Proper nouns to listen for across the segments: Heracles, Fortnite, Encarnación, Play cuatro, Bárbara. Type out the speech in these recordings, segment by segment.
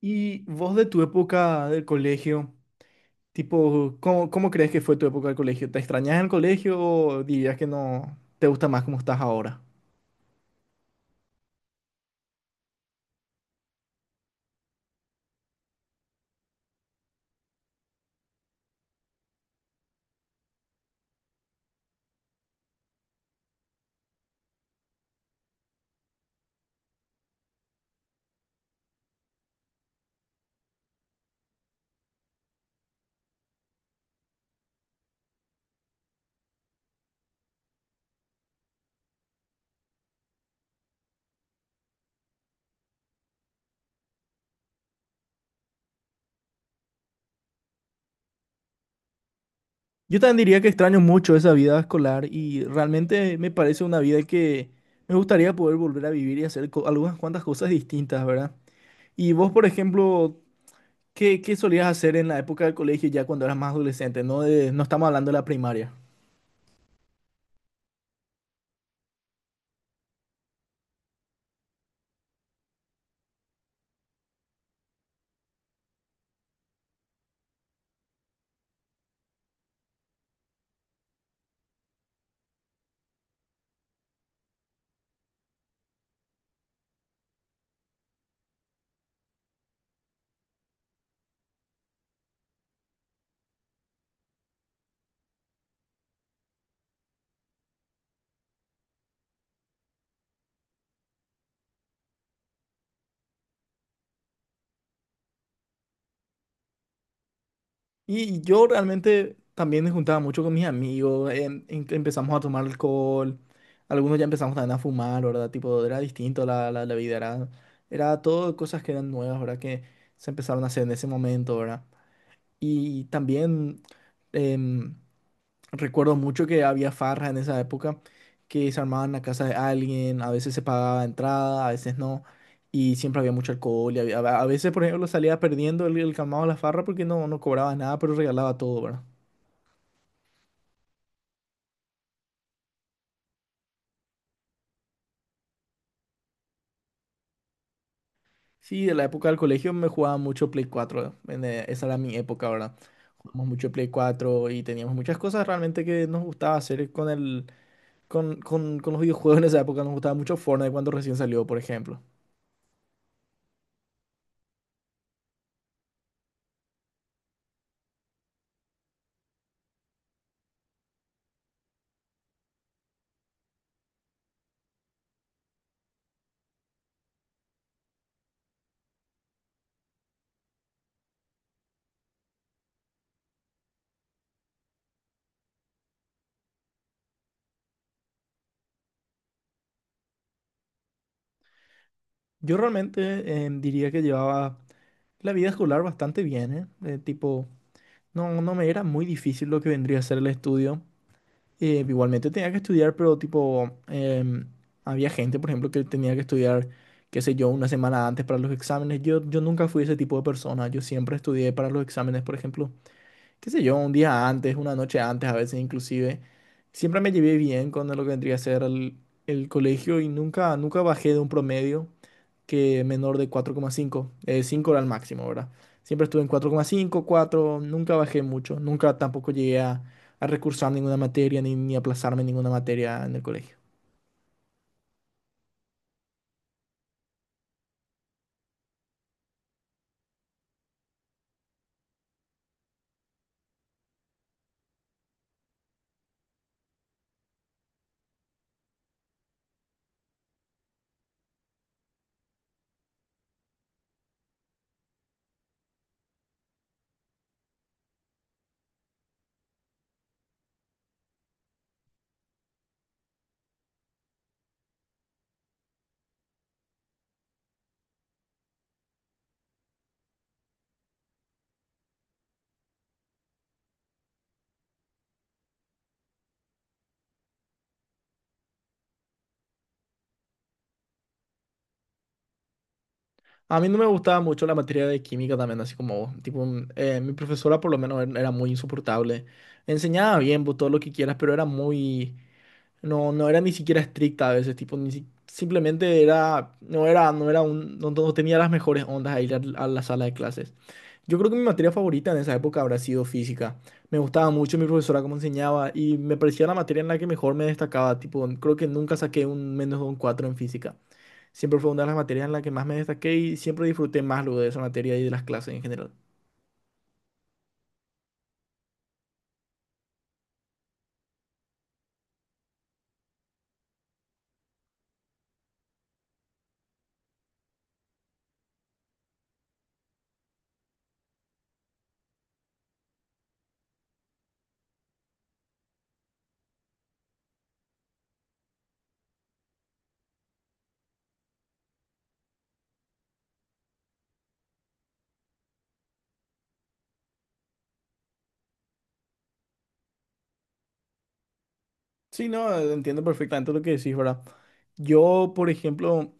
Y vos de tu época del colegio, tipo, ¿cómo crees que fue tu época del colegio? ¿Te extrañas el colegio o dirías que no te gusta más como estás ahora? Yo también diría que extraño mucho esa vida escolar y realmente me parece una vida que me gustaría poder volver a vivir y hacer algunas cuantas cosas distintas, ¿verdad? Y vos, por ejemplo, ¿qué solías hacer en la época del colegio ya cuando eras más adolescente? No, no estamos hablando de la primaria. Y yo realmente también me juntaba mucho con mis amigos, empezamos a tomar alcohol, algunos ya empezamos también a fumar, ¿verdad? Tipo, era distinto la vida, era todo cosas que eran nuevas, ¿verdad? Que se empezaron a hacer en ese momento, ¿verdad? Y también em, recuerdo mucho que había farras en esa época que se armaban en la casa de alguien, a veces se pagaba entrada, a veces no, y siempre había mucho alcohol. A veces, por ejemplo, salía perdiendo el calmado de la farra porque no, no cobraba nada, pero regalaba todo, ¿verdad? Sí, de la época del colegio me jugaba mucho Play cuatro en, esa era mi época, ¿verdad? Jugábamos mucho Play cuatro y teníamos muchas cosas realmente que nos gustaba hacer con con los videojuegos en esa época. Nos gustaba mucho Fortnite cuando recién salió, por ejemplo. Yo realmente diría que llevaba la vida escolar bastante bien, ¿eh? Tipo, no, no me era muy difícil lo que vendría a ser el estudio. Igualmente tenía que estudiar, pero tipo, había gente, por ejemplo, que tenía que estudiar, qué sé yo, una semana antes para los exámenes. Yo nunca fui ese tipo de persona. Yo siempre estudié para los exámenes, por ejemplo, qué sé yo, un día antes, una noche antes, a veces inclusive. Siempre me llevé bien con lo que vendría a ser el colegio y nunca, nunca bajé de un promedio que menor de 4,5. 5 era el máximo, ¿verdad? Siempre estuve en 4,5, 4, nunca bajé mucho, nunca tampoco llegué a recursar ninguna materia ni, ni aplazarme en ninguna materia en el colegio. A mí no me gustaba mucho la materia de química también, así como vos. Tipo, mi profesora por lo menos era muy insoportable. Enseñaba bien, vos, todo lo que quieras, pero era muy. No, no era ni siquiera estricta a veces, tipo, ni si- simplemente era. No era, no era un. No, no tenía las mejores ondas a ir a la sala de clases. Yo creo que mi materia favorita en esa época habrá sido física. Me gustaba mucho mi profesora cómo enseñaba y me parecía la materia en la que mejor me destacaba. Tipo, creo que nunca saqué un menos de un 4 en física. Siempre fue una de las materias en la que más me destaqué y siempre disfruté más luego de esa materia y de las clases en general. Sí, no, entiendo perfectamente lo que decís, ¿verdad? Yo, por ejemplo,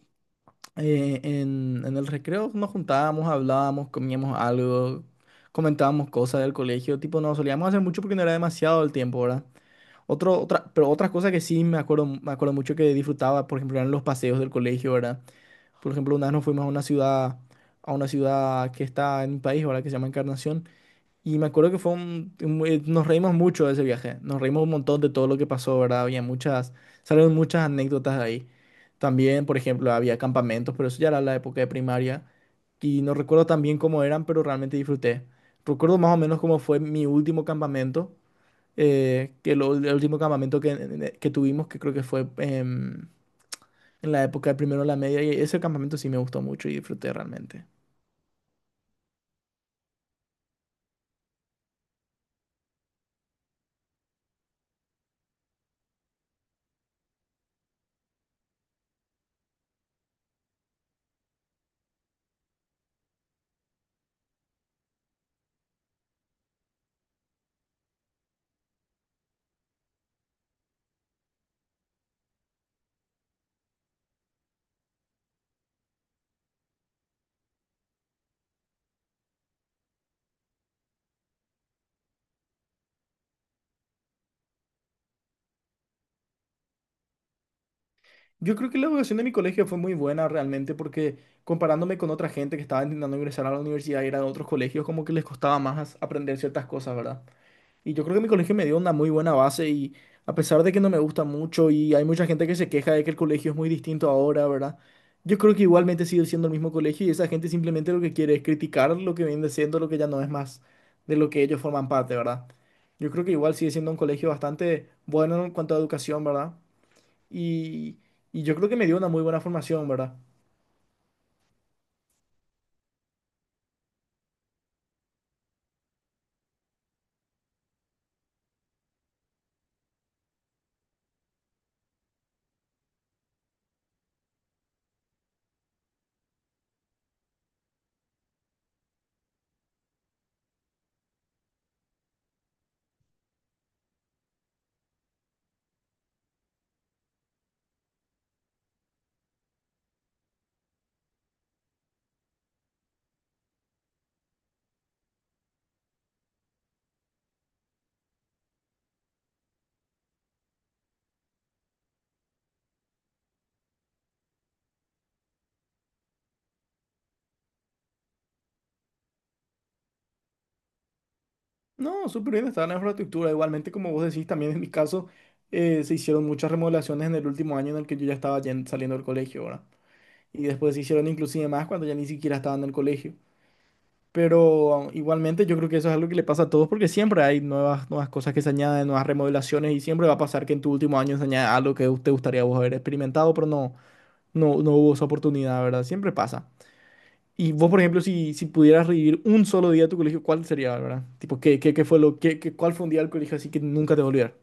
en el recreo nos juntábamos, hablábamos, comíamos algo, comentábamos cosas del colegio. Tipo, no solíamos hacer mucho porque no era demasiado el tiempo, ¿verdad? Pero otras cosas que sí me acuerdo mucho que disfrutaba, por ejemplo, eran los paseos del colegio, ¿verdad? Por ejemplo, una vez nos fuimos a una ciudad que está en mi país, ¿verdad? Que se llama Encarnación. Y me acuerdo que fue nos reímos mucho de ese viaje. Nos reímos un montón de todo lo que pasó, ¿verdad? Había muchas, salieron muchas anécdotas de ahí. También, por ejemplo, había campamentos, pero eso ya era la época de primaria. Y no recuerdo tan bien cómo eran, pero realmente disfruté. Recuerdo más o menos cómo fue mi último campamento el último campamento que tuvimos, que creo que fue en la época de primero de la media, y ese campamento sí me gustó mucho y disfruté realmente. Yo creo que la educación de mi colegio fue muy buena realmente porque comparándome con otra gente que estaba intentando ingresar a la universidad y era de otros colegios, como que les costaba más aprender ciertas cosas, ¿verdad? Y yo creo que mi colegio me dio una muy buena base y a pesar de que no me gusta mucho y hay mucha gente que se queja de que el colegio es muy distinto ahora, ¿verdad? Yo creo que igualmente sigue siendo el mismo colegio y esa gente simplemente lo que quiere es criticar lo que viene siendo, lo que ya no es más de lo que ellos forman parte, ¿verdad? Yo creo que igual sigue siendo un colegio bastante bueno en cuanto a educación, ¿verdad? Y, y yo creo que me dio una muy buena formación, ¿verdad? No, súper bien está la infraestructura. Igualmente, como vos decís, también en mi caso se hicieron muchas remodelaciones en el último año en el que yo ya estaba saliendo del colegio, ¿verdad? Y después se hicieron inclusive más cuando ya ni siquiera estaba en el colegio. Pero igualmente yo creo que eso es algo que le pasa a todos porque siempre hay nuevas cosas que se añaden, nuevas remodelaciones y siempre va a pasar que en tu último año se añade algo que te gustaría vos haber experimentado, pero no hubo esa oportunidad, ¿verdad? Siempre pasa. Y vos, por ejemplo, si pudieras revivir un solo día de tu colegio, ¿cuál sería, Bárbara? Tipo, ¿qué, qué, qué fue lo, qué, qué- cuál fue un día del colegio así que nunca te va a olvidar?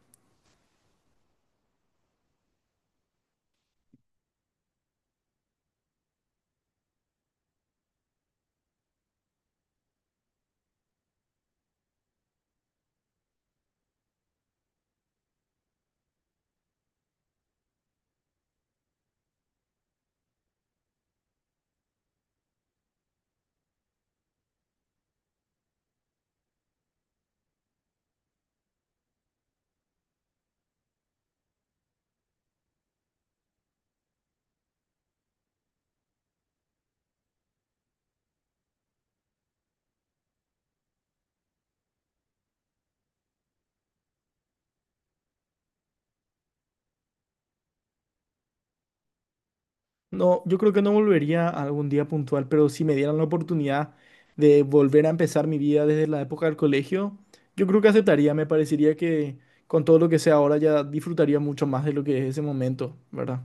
No, yo creo que no volvería a algún día puntual, pero si me dieran la oportunidad de volver a empezar mi vida desde la época del colegio, yo creo que aceptaría. Me parecería que con todo lo que sé ahora ya disfrutaría mucho más de lo que es ese momento, ¿verdad?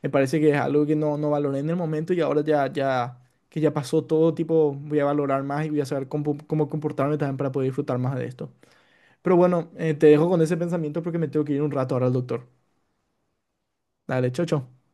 Me parece que es algo que no, no valoré en el momento y ahora que ya pasó todo, tipo, voy a valorar más y voy a saber cómo, cómo comportarme también para poder disfrutar más de esto. Pero bueno, te dejo con ese pensamiento porque me tengo que ir un rato ahora al doctor. Dale, chao, chao.